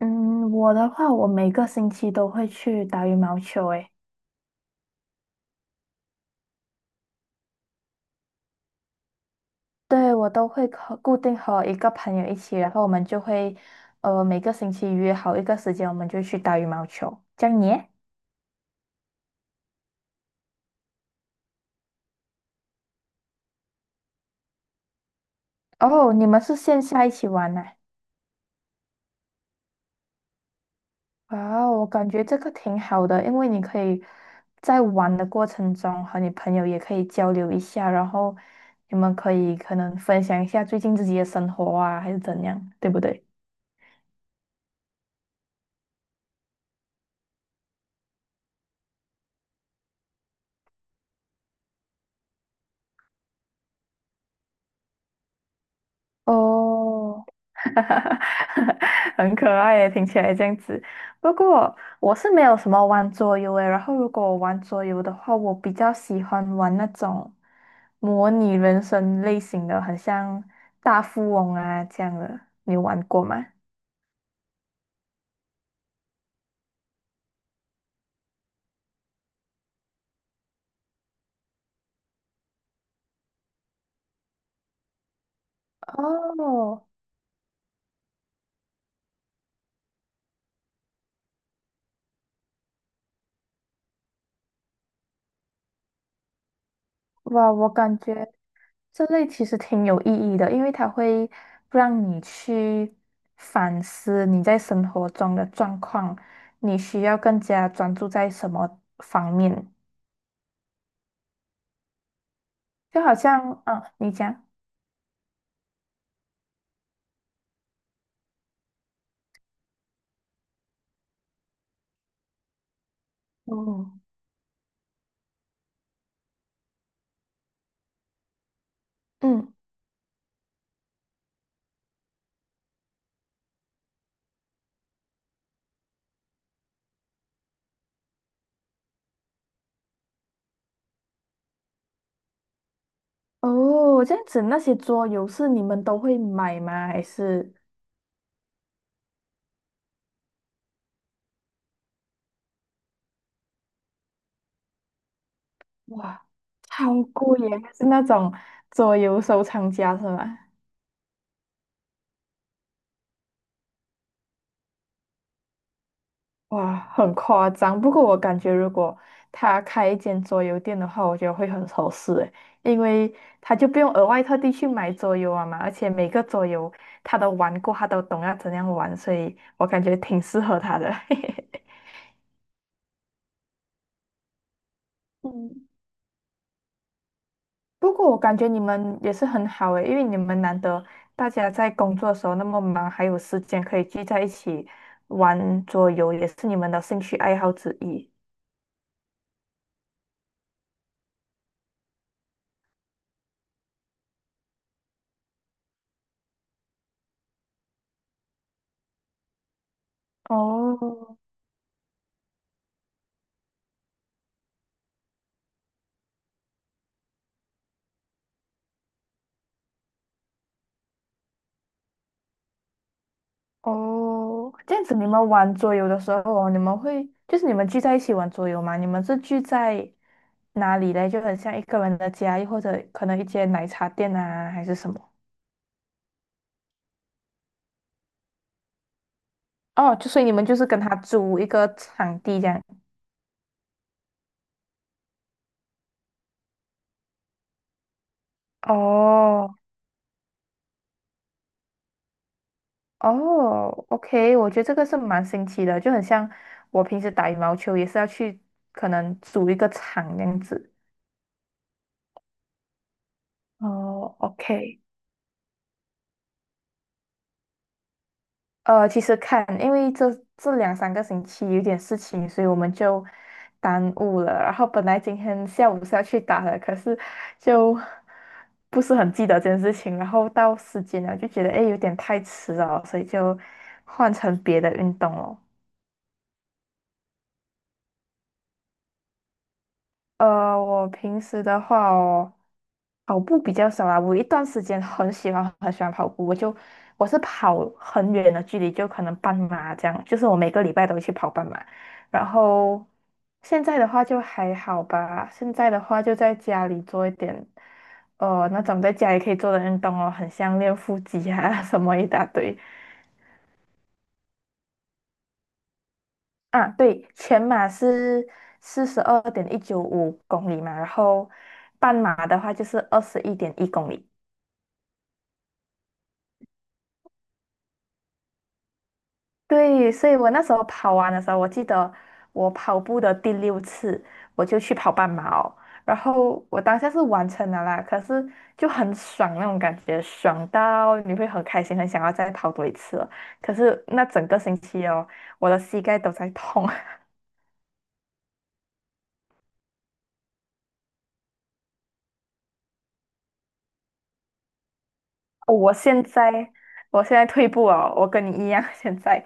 嗯，我的话，我每个星期都会去打羽毛球，诶，对，我都会固定和一个朋友一起，然后我们就会，每个星期约好一个时间，我们就去打羽毛球。这样你耶哦，你们是线下一起玩呢？哇哦，我感觉这个挺好的，因为你可以在玩的过程中和你朋友也可以交流一下，然后你们可能分享一下最近自己的生活啊，还是怎样，对不对？哦，很可爱耶，听起来这样子。不过我是没有什么玩桌游诶，然后如果我玩桌游的话，我比较喜欢玩那种模拟人生类型的，很像大富翁啊这样的。你有玩过吗？哦，哇，我感觉。这类其实挺有意义的，因为它会让你去反思你在生活中的状况，你需要更加专注在什么方面。就好像，啊，你讲，哦，嗯，哦，这样子那些桌游是你们都会买吗？还是哇，超贵耶，是那种桌游收藏家是吗？哇，很夸张。不过我感觉，如果他开一间桌游店的话，我觉得会很合适诶，因为他就不用额外特地去买桌游啊嘛，而且每个桌游他都玩过，他都懂要怎样玩，所以我感觉挺适合他的。嗯，不过我感觉你们也是很好诶，因为你们难得大家在工作的时候那么忙，还有时间可以聚在一起玩桌游，也是你们的兴趣爱好之一。哦，哦，这样子你们玩桌游的时候哦，你们会就是你们聚在一起玩桌游吗？你们是聚在哪里嘞？就很像一个人的家，又或者可能一间奶茶店啊，还是什么？哦，就所以你们就是跟他租一个场地这样。哦哦，OK，我觉得这个是蛮新奇的，就很像我平时打羽毛球也是要去可能租一个场这样子。哦，OK。其实看，因为这两三个星期有点事情，所以我们就耽误了。然后本来今天下午是要去打的，可是就不是很记得这件事情。然后到时间了，就觉得诶有点太迟了，所以就换成别的运动了。我平时的话哦，跑步比较少啦。我有一段时间很喜欢很喜欢跑步，我是跑很远的距离，就可能半马这样，就是我每个礼拜都会去跑半马。然后现在的话就还好吧，现在的话就在家里做一点，那种在家里可以做的运动哦，很像练腹肌啊 什么一大堆。啊，对，全马是42.195公里嘛，然后半马的话就是21.1公里。对，所以我那时候跑完的时候，我记得我跑步的第六次，我就去跑半马哦。然后我当下是完成了啦，可是就很爽那种感觉，爽到你会很开心，很想要再跑多一次了。可是那整个星期哦，我的膝盖都在痛。我现在我现在退步哦，我跟你一样，现在。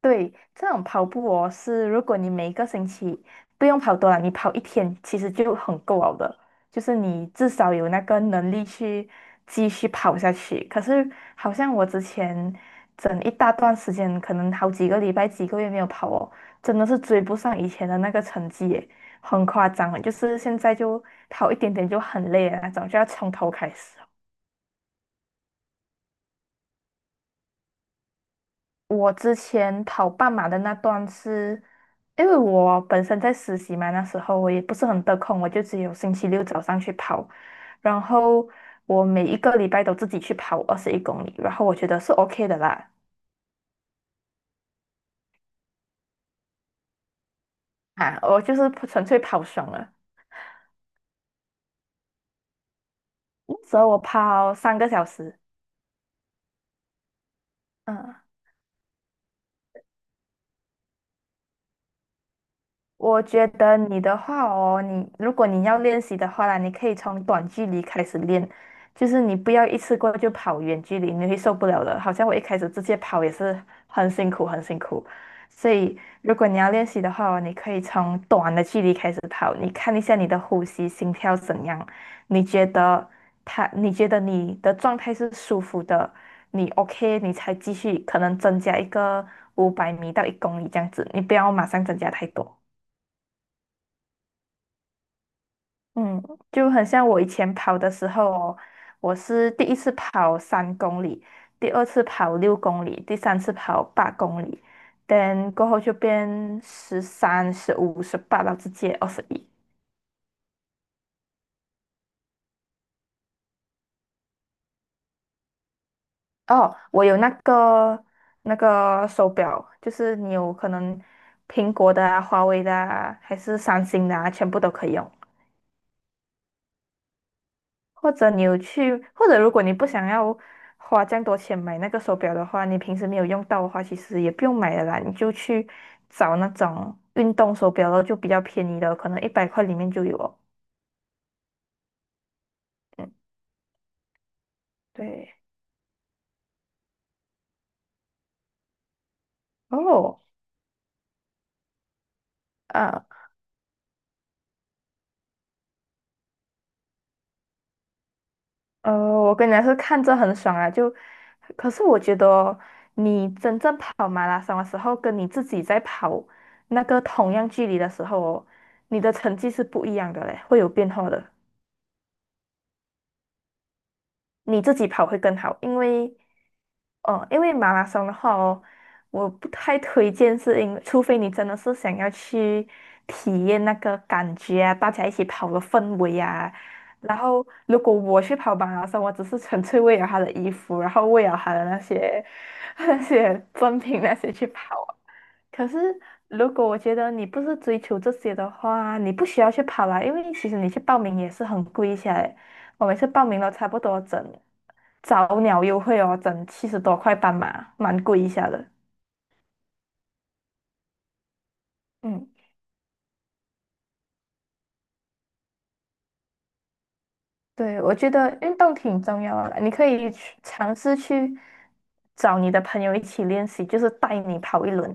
对，这种跑步哦，是如果你每一个星期不用跑多了，你跑一天其实就很够了的，就是你至少有那个能力去继续跑下去。可是好像我之前整一大段时间，可能好几个礼拜、几个月没有跑哦，真的是追不上以前的那个成绩耶，很夸张了就是现在就跑一点点就很累的那种，就要从头开始。我之前跑半马的那段是，因为我本身在实习嘛，那时候我也不是很得空，我就只有星期六早上去跑，然后我每一个礼拜都自己去跑21公里，然后我觉得是 OK 的啦，啊，我就是纯粹跑爽了，那时候我跑3个小时，嗯。我觉得你的话哦，你如果你要练习的话啦，你可以从短距离开始练，就是你不要一次过就跑远距离，你会受不了的。好像我一开始直接跑也是很辛苦，很辛苦。所以如果你要练习的话哦你可以从短的距离开始跑，你看一下你的呼吸、心跳怎样，你觉得它，你觉得你的状态是舒服的，你 OK，你才继续可能增加一个500米到一公里这样子，你不要马上增加太多。嗯，就很像我以前跑的时候哦，我是第一次跑3公里，第二次跑6公里，第三次跑8公里等过后就变13、15、18到直接二十一。哦，我有那个手表，就是你有可能苹果的啊、华为的啊，还是三星的啊，全部都可以用。或者你有去，或者如果你不想要花这样多钱买那个手表的话，你平时没有用到的话，其实也不用买了啦，你就去找那种运动手表了，就比较便宜的，可能100块里面就有哦。嗯，对。哦，啊，我跟你讲是看着很爽啊，就，可是我觉得哦你真正跑马拉松的时候，跟你自己在跑那个同样距离的时候哦，你的成绩是不一样的嘞，会有变化的。你自己跑会更好，因为，哦，因为马拉松的话哦，我不太推荐，是因为除非你真的是想要去体验那个感觉啊，大家一起跑的氛围啊。然后，如果我去跑马拉松，我只是纯粹为了他的衣服，然后为了他的那些 那些赠品那些去跑啊可是，如果我觉得你不是追求这些的话，你不需要去跑啦，因为其实你去报名也是很贵一来。我每次报名都差不多整早鸟优惠哦，整70多块半马，蛮贵一下的。嗯。对，我觉得运动挺重要的你可以去尝试去找你的朋友一起练习，就是带你跑一轮，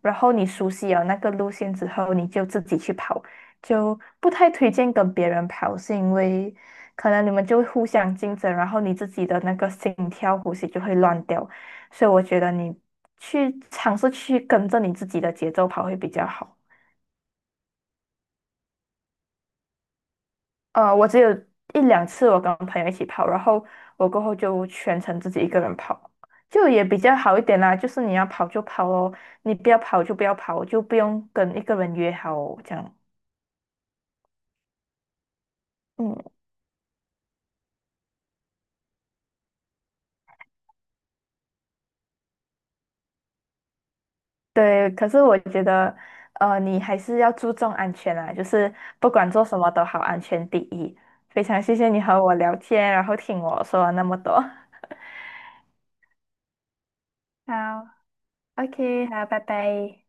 然后你熟悉了那个路线之后，你就自己去跑，就不太推荐跟别人跑，是因为可能你们就会互相竞争，然后你自己的那个心跳呼吸就会乱掉，所以我觉得你去尝试去跟着你自己的节奏跑会比较好。我只有一两次我跟朋友一起跑，然后我过后就全程自己一个人跑，就也比较好一点啦。就是你要跑就跑哦，你不要跑就不要跑，就不用跟一个人约好哦这样。嗯，对。可是我觉得，你还是要注重安全啊，就是不管做什么都好，安全第一。非常谢谢你和我聊天，然后听我说了那么多。好，OK，好，拜拜。